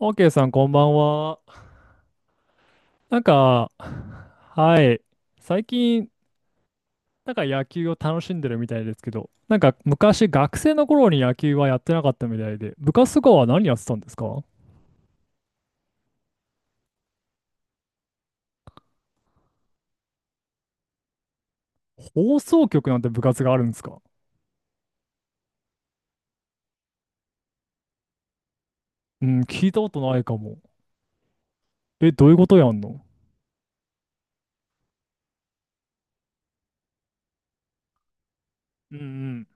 OK さん、こんばんは。なんか、はい。最近、なんか野球を楽しんでるみたいですけど、なんか昔、学生の頃に野球はやってなかったみたいで、部活とかは何やってたんですか？放送局なんて部活があるんですか？うん、聞いたことないかも。え、どういうことやんの？うんうん。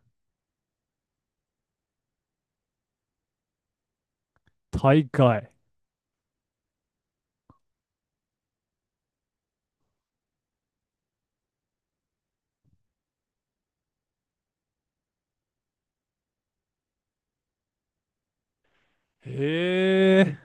大会。へえ。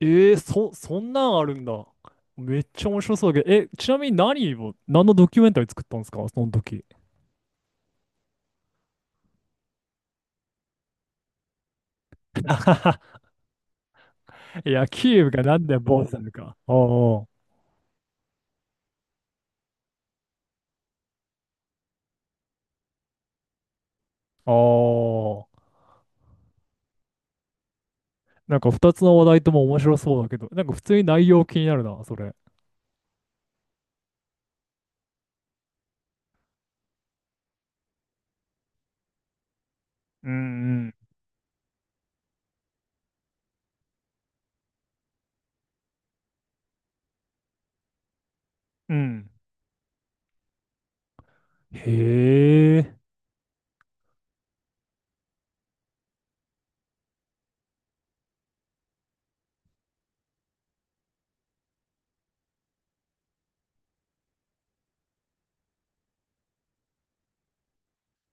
そんなんあるんだ。めっちゃ面白そうだけど、え、ちなみに何を、何のドキュメンタリー作ったんですかその時。野球部がなんで坊主なのか。おうおう。ああ。なんか二つの話題とも面白そうだけど、なんか普通に内容気になるな、それ。うんうん。うん。へえ。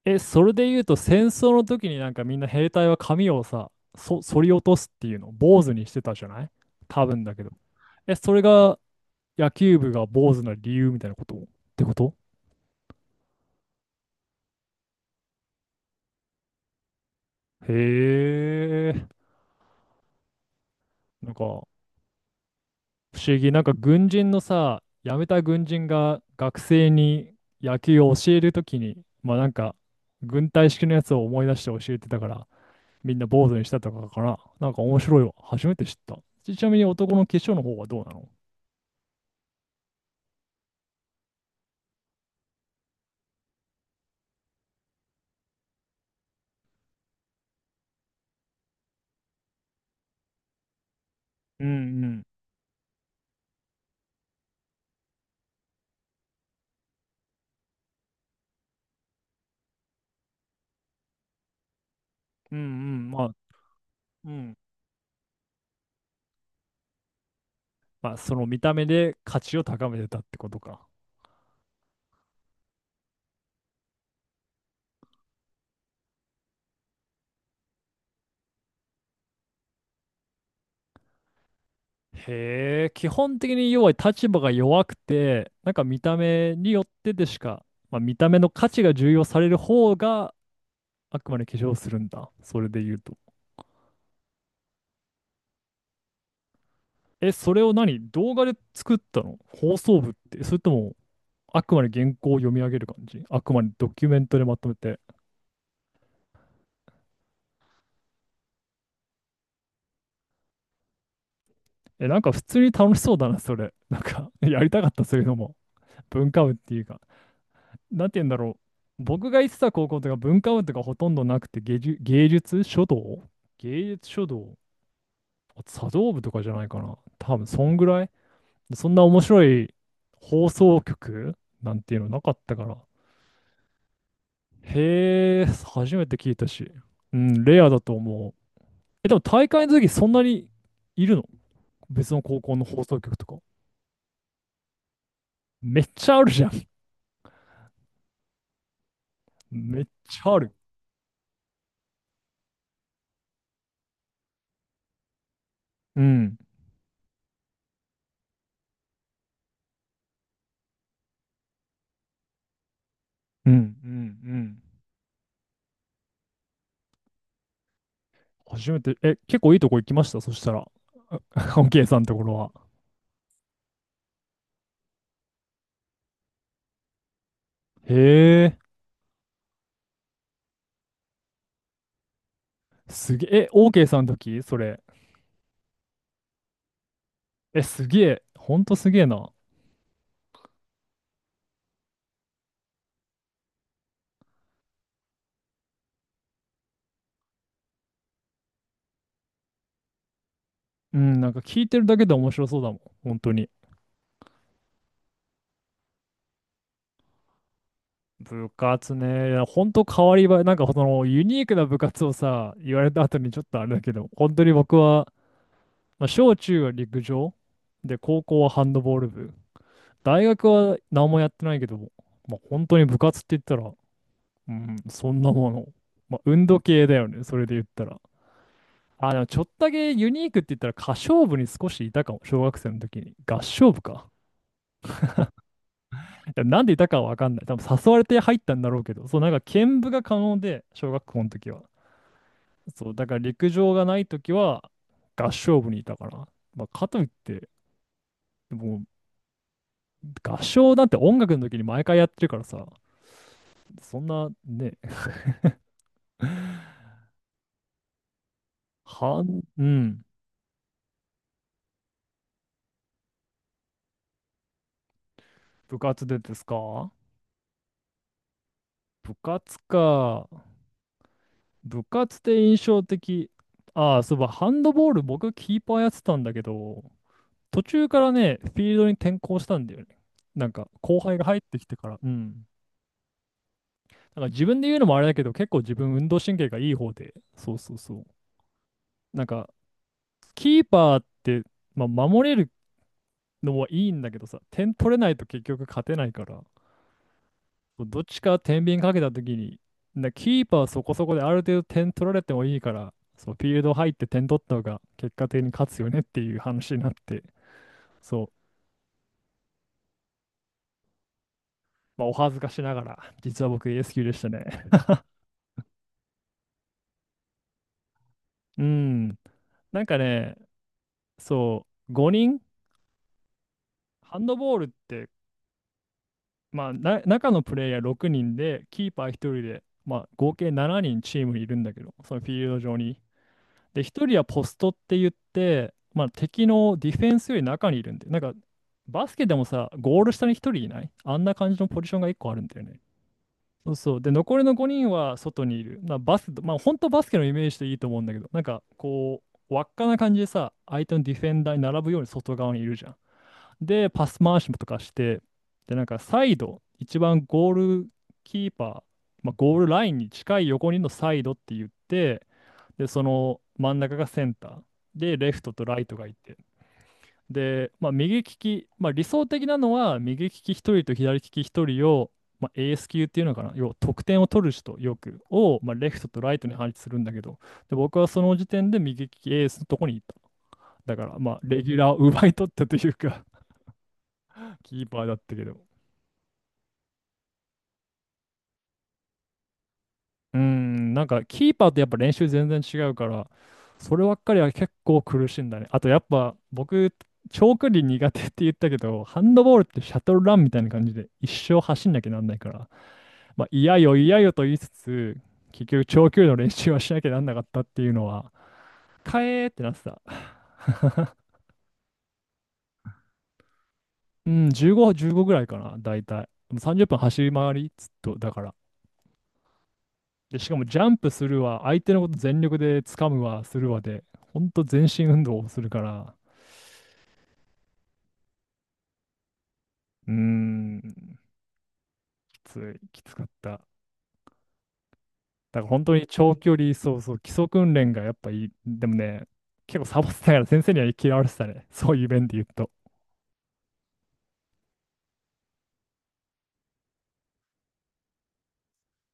え、それで言うと戦争の時になんかみんな兵隊は髪をさ、そ、剃り落とすっていうの、坊主にしてたじゃない、多分だけど。え、それが野球部が坊主な理由みたいなことってこと？へえ。なんか不思議。なんか軍人のさ、辞めた軍人が学生に野球を教えるときに、まあなんか軍隊式のやつを思い出して教えてたから、みんな坊主にしたとかかな。なんか面白いわ。初めて知った。ちちなみに男の化粧の方はどうなの？うんうん。うんうん。まあ、うん。まあその見た目で価値を高めてたってことか。へえ、基本的に要は立場が弱くて、なんか見た目によってでしか、まあ、見た目の価値が重要される方があくまで化粧するんだ。それで言うと。え、それを何動画で作ったの放送部って。それとも、あくまで原稿を読み上げる感じ、あくまでドキュメントでまとめて。え、なんか普通に楽しそうだな、それ。なんか やりたかった、そういうのも。文化部っていうか。なんて言うんだろう。僕が行ってた高校とか文化部とかほとんどなくて、芸術、芸術書道、芸術書道、あ、茶道部とかじゃないかな。多分、そんぐらい。そんな面白い放送局なんていうのなかったから。へえ、初めて聞いたし。うん、レアだと思う。え、でも大会の時そんなにいるの？別の高校の放送局とか。めっちゃあるじゃん。めっちゃある。うん。うん。うん。うん。初めて、え、結構いいとこ行きましたそしたら。あ OK さんのところは。へえ、すげえ。え、OK さんの時それ？え、すげえ。ほんとすげえな。うん、なんか聞いてるだけで面白そうだもん。本当に。部活ね、いや本当変わりばなんかそのユニークな部活をさ、言われた後にちょっとあれだけど、本当に僕は、まあ、小中は陸上で、高校はハンドボール部。大学は何もやってないけど、まあ、本当に部活って言ったら、うん、そんなもの。まあ、運動系だよね、それで言ったら。あ、でもちょっとだけユニークって言ったら歌唱部に少しいたかも、小学生の時に。合唱部か。いやなんでいたかはわかんない。多分誘われて入ったんだろうけど、そう、なんか兼部が可能で、小学校の時は。そう、だから陸上がないときは合唱部にいたから。まあ、かといって、もう合唱なんて音楽の時に毎回やってるからさ、そんなね、はん、うん、部活でですか？部活か。部活で印象的。ああ、そういえばハンドボール僕キーパーやってたんだけど、途中からね、フィールドに転向したんだよね。なんか後輩が入ってきてから。うん。なんか自分で言うのもあれだけど、結構自分運動神経がいい方で、そうそうそう。なんかキーパーって、まあ、守れるのはいいんだけどさ、点取れないと結局勝てないから、どっちか天秤かけた時に、なキーパーそこそこである程度点取られてもいいから、そう、フィールド入って点取った方が結果的に勝つよねっていう話になって、そう、まあ、お恥ずかしながら、実は僕 AS 級でしたね。うん、なんかね、そう、5人、ハンドボールってまあ、な中のプレイヤー6人で、キーパー1人で、まあ、合計7人チームにいるんだけど、そのフィールド上に。で、1人はポストって言って、まあ、敵のディフェンスより中にいるんで、なんか、バスケでもさ、ゴール下に1人いないあんな感じのポジションが1個あるんだよね。そうそう。で、残りの5人は外にいる。なバス、まあ、本当バスケのイメージでいいと思うんだけど、なんか、こう、輪っかな感じでさ、相手のディフェンダーに並ぶように外側にいるじゃん。で、パス回しもとかして、で、なんかサイド、一番ゴールキーパー、まあ、ゴールラインに近い横にのサイドって言って、で、その真ん中がセンター、で、レフトとライトがいて、で、まあ、右利き、まあ、理想的なのは、右利き1人と左利き1人を、まあ、エース級っていうのかな、要は得点を取る人、よく、を、まあ、レフトとライトに配置するんだけど、で、僕はその時点で右利きエースのとこにいた。だから、まあ、レギュラーを奪い取ったというか、キーパーだったけど。うん、なんかキーパーとやっぱ練習全然違うから、そればっかりは結構苦しいんだね。あとやっぱ僕、長距離苦手って言ったけど、ハンドボールってシャトルランみたいな感じで一生走んなきゃなんないから、まあ嫌よ嫌よと言いつつ、結局長距離の練習はしなきゃなんなかったっていうのは、かえーってなってた。うん、15、15ぐらいかな、大体。30分走り回り、ずっと、だから。で、しかもジャンプするわ、相手のこと全力で掴むわ、するわで、ほんと全身運動をするから、うーん、きつい、きつかった。だから本当に長距離、そうそう、基礎訓練がやっぱいい。でもね、結構サボってたから先生には嫌われてたね。そういう面で言うと。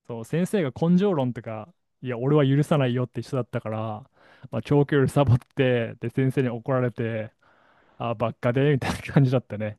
そう、先生が根性論とか、いや、俺は許さないよって人だったから、まあ、長距離サボって、で、先生に怒られて、あ、ばっかで、みたいな感じだったね。